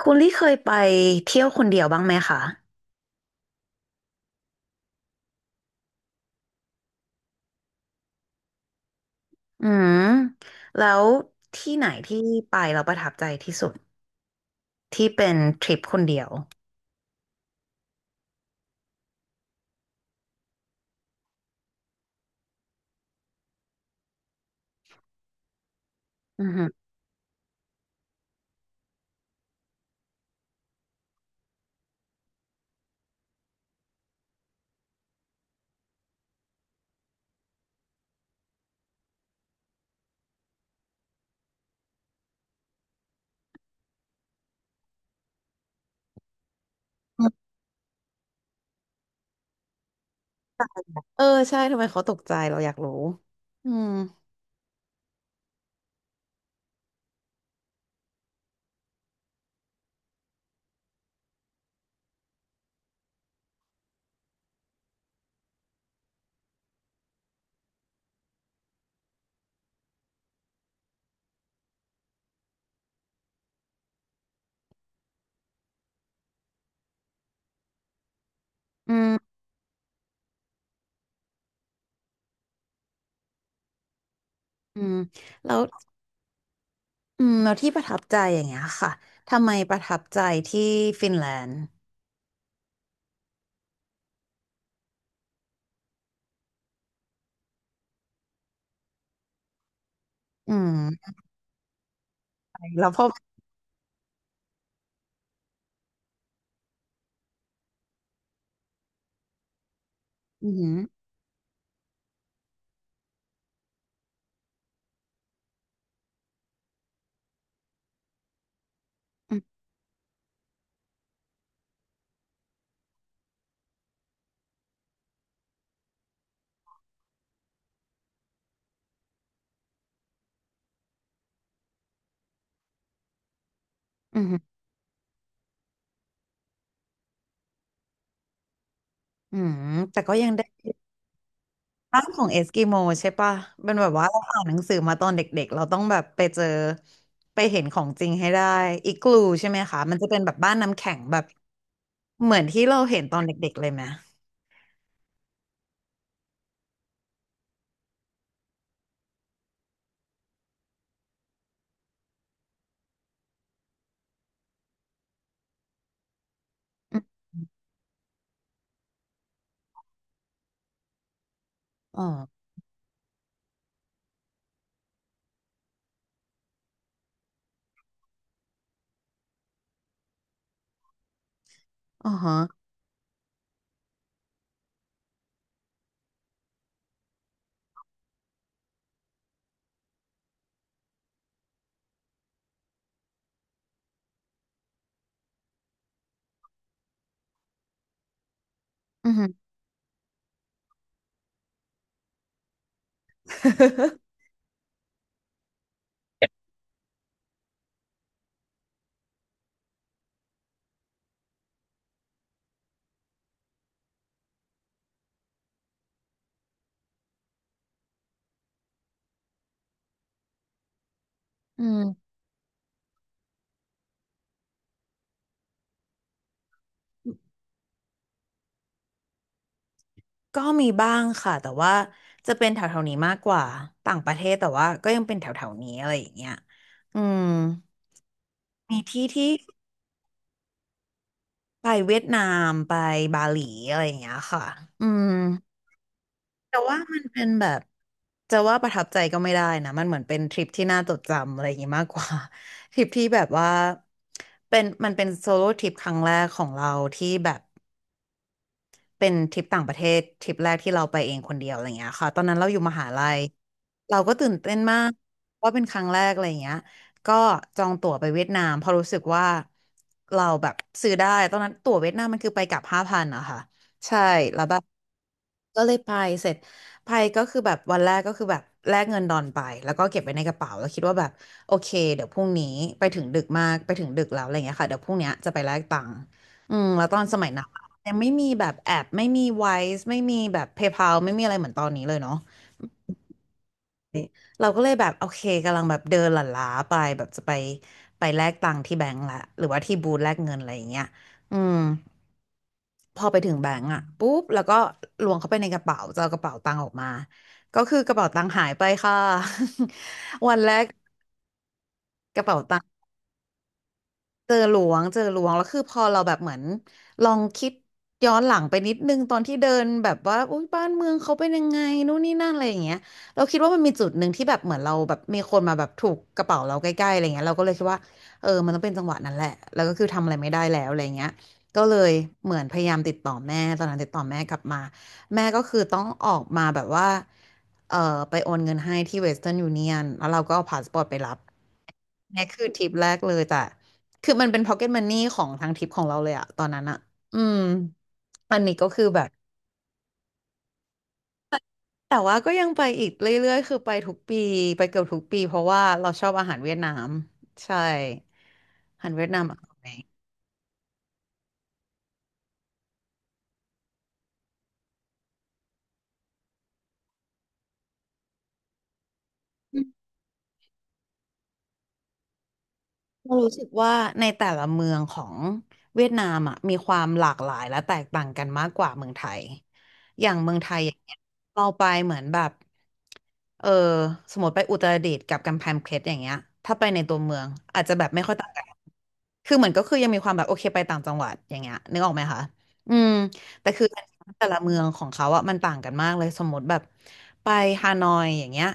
คุณลี่เคยไปเที่ยวคนเดียวบ้างไหมคะอืมแล้วที่ไหนที่ไปเราประทับใจที่สุดที่เป็นทริปคนเดียวอือหือเออใช่ทำไมเขาตกใจเราอยากรู้อืมอืมอืมแล้วอืมแล้วที่ประทับใจอย่างเงี้ยค่ะทำไมประทับใจที่ฟินแลนด์อืมแล้วพออืมอหืมออืมอหืมอืมแต่ก็ยังได้ ร่างของเอสกิโมใช่ปะเป็นแบบว่าเราอ่านหนังสือมาตอนเด็กๆเราต้องแบบไปเจอไปเห็นของจริงให้ได้อิกลูใช่ไหมคะ มันจะเป็นแบบบ้านน้ำแข็งแบบเหมือนที่เราเห็นตอนเด็กๆ เลยไหมอืมอ๋ออ๋อฮะอือฮึ อืมก็มีบ้างค่ะแต่ว่าจะเป็นแถวๆนี้มากกว่าต่างประเทศแต่ว่าก็ยังเป็นแถวๆนี้อะไรอย่างเงี้ยอืมมีที่ที่ไปเวียดนามไปบาหลีอะไรอย่างเงี้ยค่ะอืม แต่ว่ามันเป็นแบบจะว่าประทับใจก็ไม่ได้นะมันเหมือนเป็นทริปที่น่าจดจำอะไรอย่างงี้มากกว่า ทริปที่แบบว่าเป็นมันเป็นโซโล่ทริปครั้งแรกของเราที่แบบ เป็นทริปต่างประเทศทริปแรกที่เราไปเองคนเดียวอะไรเงี้ยค่ะตอนนั้นเราอยู่มหาลัยเราก็ตื่นเต้นมากว่าเป็นครั้งแรกอะไรเงี้ยก็จองตั๋วไปเวียดนามเพราะรู้สึกว่าเราแบบซื้อได้ตอนนั้นตั๋วเวียดนามมันคือไปกลับห้าพันอะค่ะใช่แล้วแบบก็เลยไปเสร็จไปก็คือแบบวันแรกก็คือแบบแลกเงินดอนไปแล้วก็เก็บไว้ในกระเป๋าแล้วคิดว่าแบบโอเคเดี๋ยวพรุ่งนี้ไปถึงดึกมากไปถึงดึกแล้วอะไรเงี้ยค่ะเดี๋ยวพรุ่งเนี้ยจะไปแลกตังค์อืมแล้วตอนสมัยนั้น ยังไม่มีแบบแอปไม่มีไวซ์ไม่มีแบบ PayPal ไม่มีอะไรเหมือนตอนนี้เลยเนาะเราก็เลยแบบโอเคกำลังแบบเดินหลั่นล้าไปแบบจะไปไปแลกตังค์ที่แบงก์ละหรือว่าที่บูธแลกเงินอะไรอย่างเงี้ยอืมพอไปถึงแบงก์อ่ะปุ๊บแล้วก็ล้วงเข้าไปในกระเป๋าจะเอากระเป๋าตังค์ออกมาก็คือกระเป๋าตังค์หายไปค่ะ วันแรกกระเป๋าตังค์ เจอหลวงเจอหลวงแล้วคือพอเราแบบเหมือนลองคิดย้อนหลังไปนิดนึงตอนที่เดินแบบว่าอุ้ยบ้านเมืองเขาเป็นยังไงนู่นนี่นั่นอะไรอย่างเงี้ยเราคิดว่ามันมีจุดหนึ่งที่แบบเหมือนเราแบบมีคนมาแบบถูกกระเป๋าเราใกล้ๆอะไรเงี้ยเราก็เลยคิดว่าเออมันต้องเป็นจังหวะนั้นแหละแล้วก็คือทำอะไรไม่ได้แล้วอะไรเงี้ยก็เลยเหมือนพยายามติดต่อแม่ตอนนั้นติดต่อแม่กลับมาแม่ก็คือต้องออกมาแบบว่าเออไปโอนเงินให้ที่เวสเทิร์นยูเนียนแล้วเราก็เอาพาสปอร์ตไปรับ เนี่ยคือทริปแรกเลยแต่คือมันเป็นพ็อกเก็ตมันนี่ของทางทริปของเราเลยอะตอนนั้นอะอืม อันนี้ก็คือแบบ แต่ว่าก็ยังไปอีกเรื่อยๆคือไปทุกปีไปเกือบทุกปีเพราะว่าเราชอบอาหารเวียดนามใช่ อาหารเวียดนามอร่อย เรารู้สึกว่าในแต่ละเมืองของเวียดนามอ่ะมีความหลากหลายและแตกต่างกันมากกว่าเมืองไทยอย่างเมืองไทยอย่างเงี้ยเราไปเหมือนแบบเออสมมติไปอุตรดิตถ์กับกำแพงเพชรอย่างเงี้ยถ้าไปในตัวเมืองอาจจะแบบไม่ค่อยต่างกันคือเหมือนก็คือยังมีความแบบโอเคไปต่างจังหวัดอย่างเงี้ยนึกออกไหมคะอืมแต่คือแต่ละเมืองของเขาอะมันต่างกันมากเลยสมมติแบบไปฮานอยอย่างเงี้ย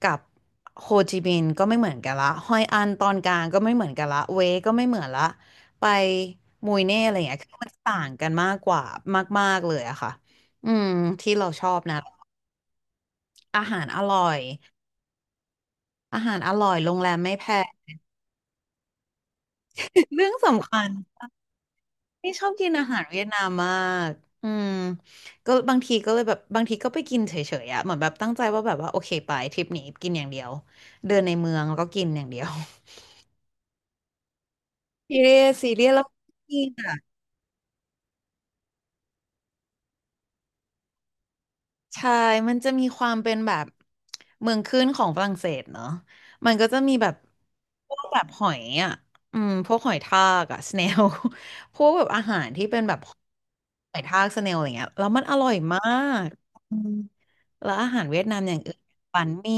กับโฮจิมินห์ก็ไม่เหมือนกันละฮอยอันตอนกลางก็ไม่เหมือนกันละเวก็ไม่เหมือนละไปมุยเน่อะไรอย่างเงี้ยคือมันต่างกันมากกว่ามากๆเลยอะค่ะอืมที่เราชอบนะอาหารอร่อยอาหารอร่อยโรงแรมไม่แพง เรื่องสำคัญนี่ชอบกินอาหารเวียดนามมากอืมก็บางทีก็เลยแบบบางทีก็ไปกินเฉยๆอะเหมือนแบบตั้งใจว่าแบบว่าโอเคไปทริปนี้กินอย่างเดียวเดินในเมืองแล้วก็กินอย่างเดียว ซีเรียสแล้วกินอะ ใช่มันจะมีความเป็นแบบเมืองขึ้นของฝรั่งเศสเนอะมันก็จะมีแบบพวกแบบหอยอ่ะอืมพวกหอยทากอ่ะสเนล พวกแบบอาหารที่เป็นแบบหอยทากสเนลอะไรเงี้ยแล้วมันอร่อยมากอืมแล้วอาหารเวียดนามอย่างอื่นบันหมี่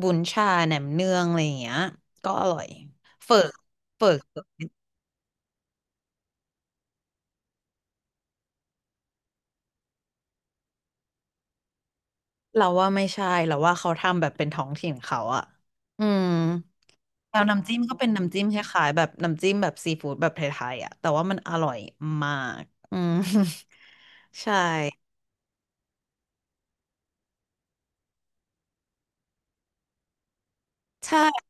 บุนชาแหนมเนืองอะไรอย่างเงี้ยก็อร่อยเฝอเฝอเราว่าไม่ใช่เราว่าเขาทำแบบเป็นท้องถิ่นเขาอ่ะอืม แล้วน้ำจิ้มก็เป็นน้ำจิ้มคล้ายๆแบบน้ำจิ้มแบบซีฟู้ดแบบไทยๆอ่ะแต่ว่ามันอร่อยมากอืม ใช่ใช่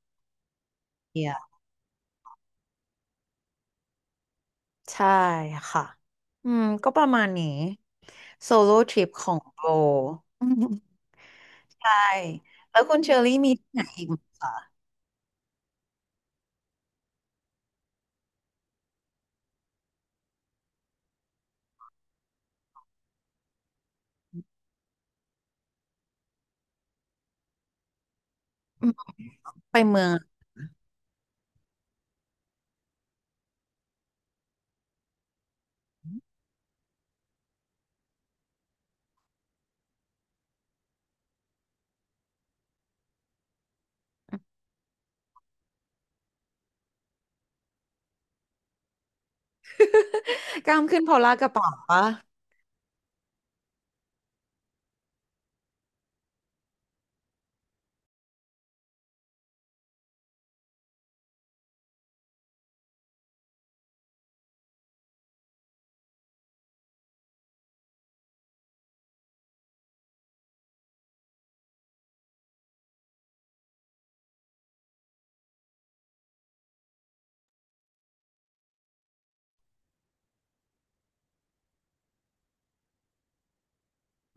อ่ะใช่ค่ะอืมก็ประมาณนี้โซโล่ทริปของโบ อืมใช่แล้วคุณเชอรี่มีที่ไหนอีกไหมคะอืมไปเมืองกล้ามขึ้นพอลลากระเป๋าปะ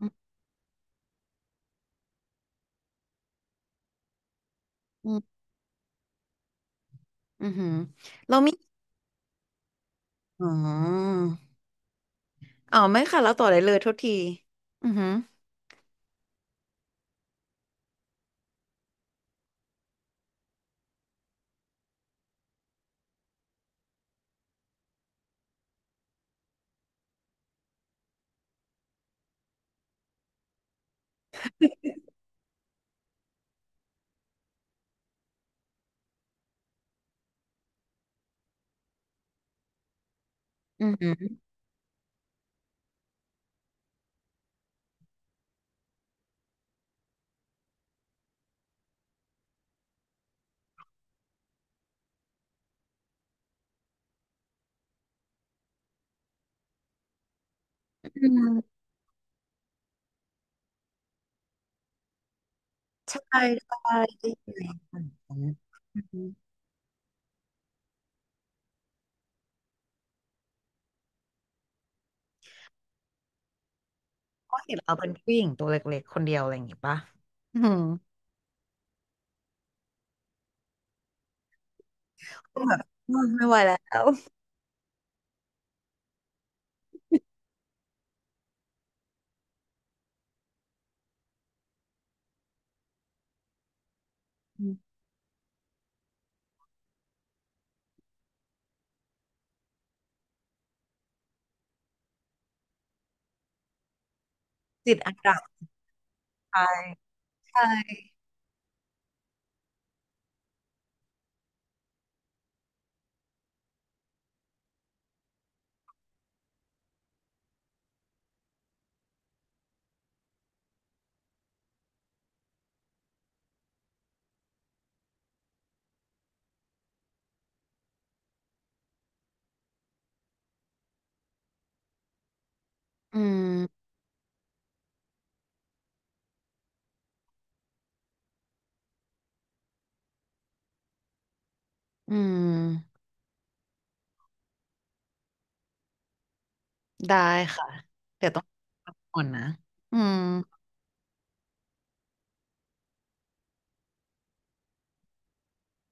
อืมอืมอือหือเรามีอ๋อไม่ค่ะแล้วต่อได้เลยโทษทีอือหืออือหืออืม ใช่ใช่ได้ยิน้อย่างนกนอือฮึก็เห็นเราเป็นผู้หญิงตัวเล็กๆคนเดียวอะไรอย่างงี้ปะอืมก็แบบอืมไม่ไหวแล้วอืมจิตอันตรายอืมอืมได้ค่ะ เดี๋ยวต้องก่อนนะอืม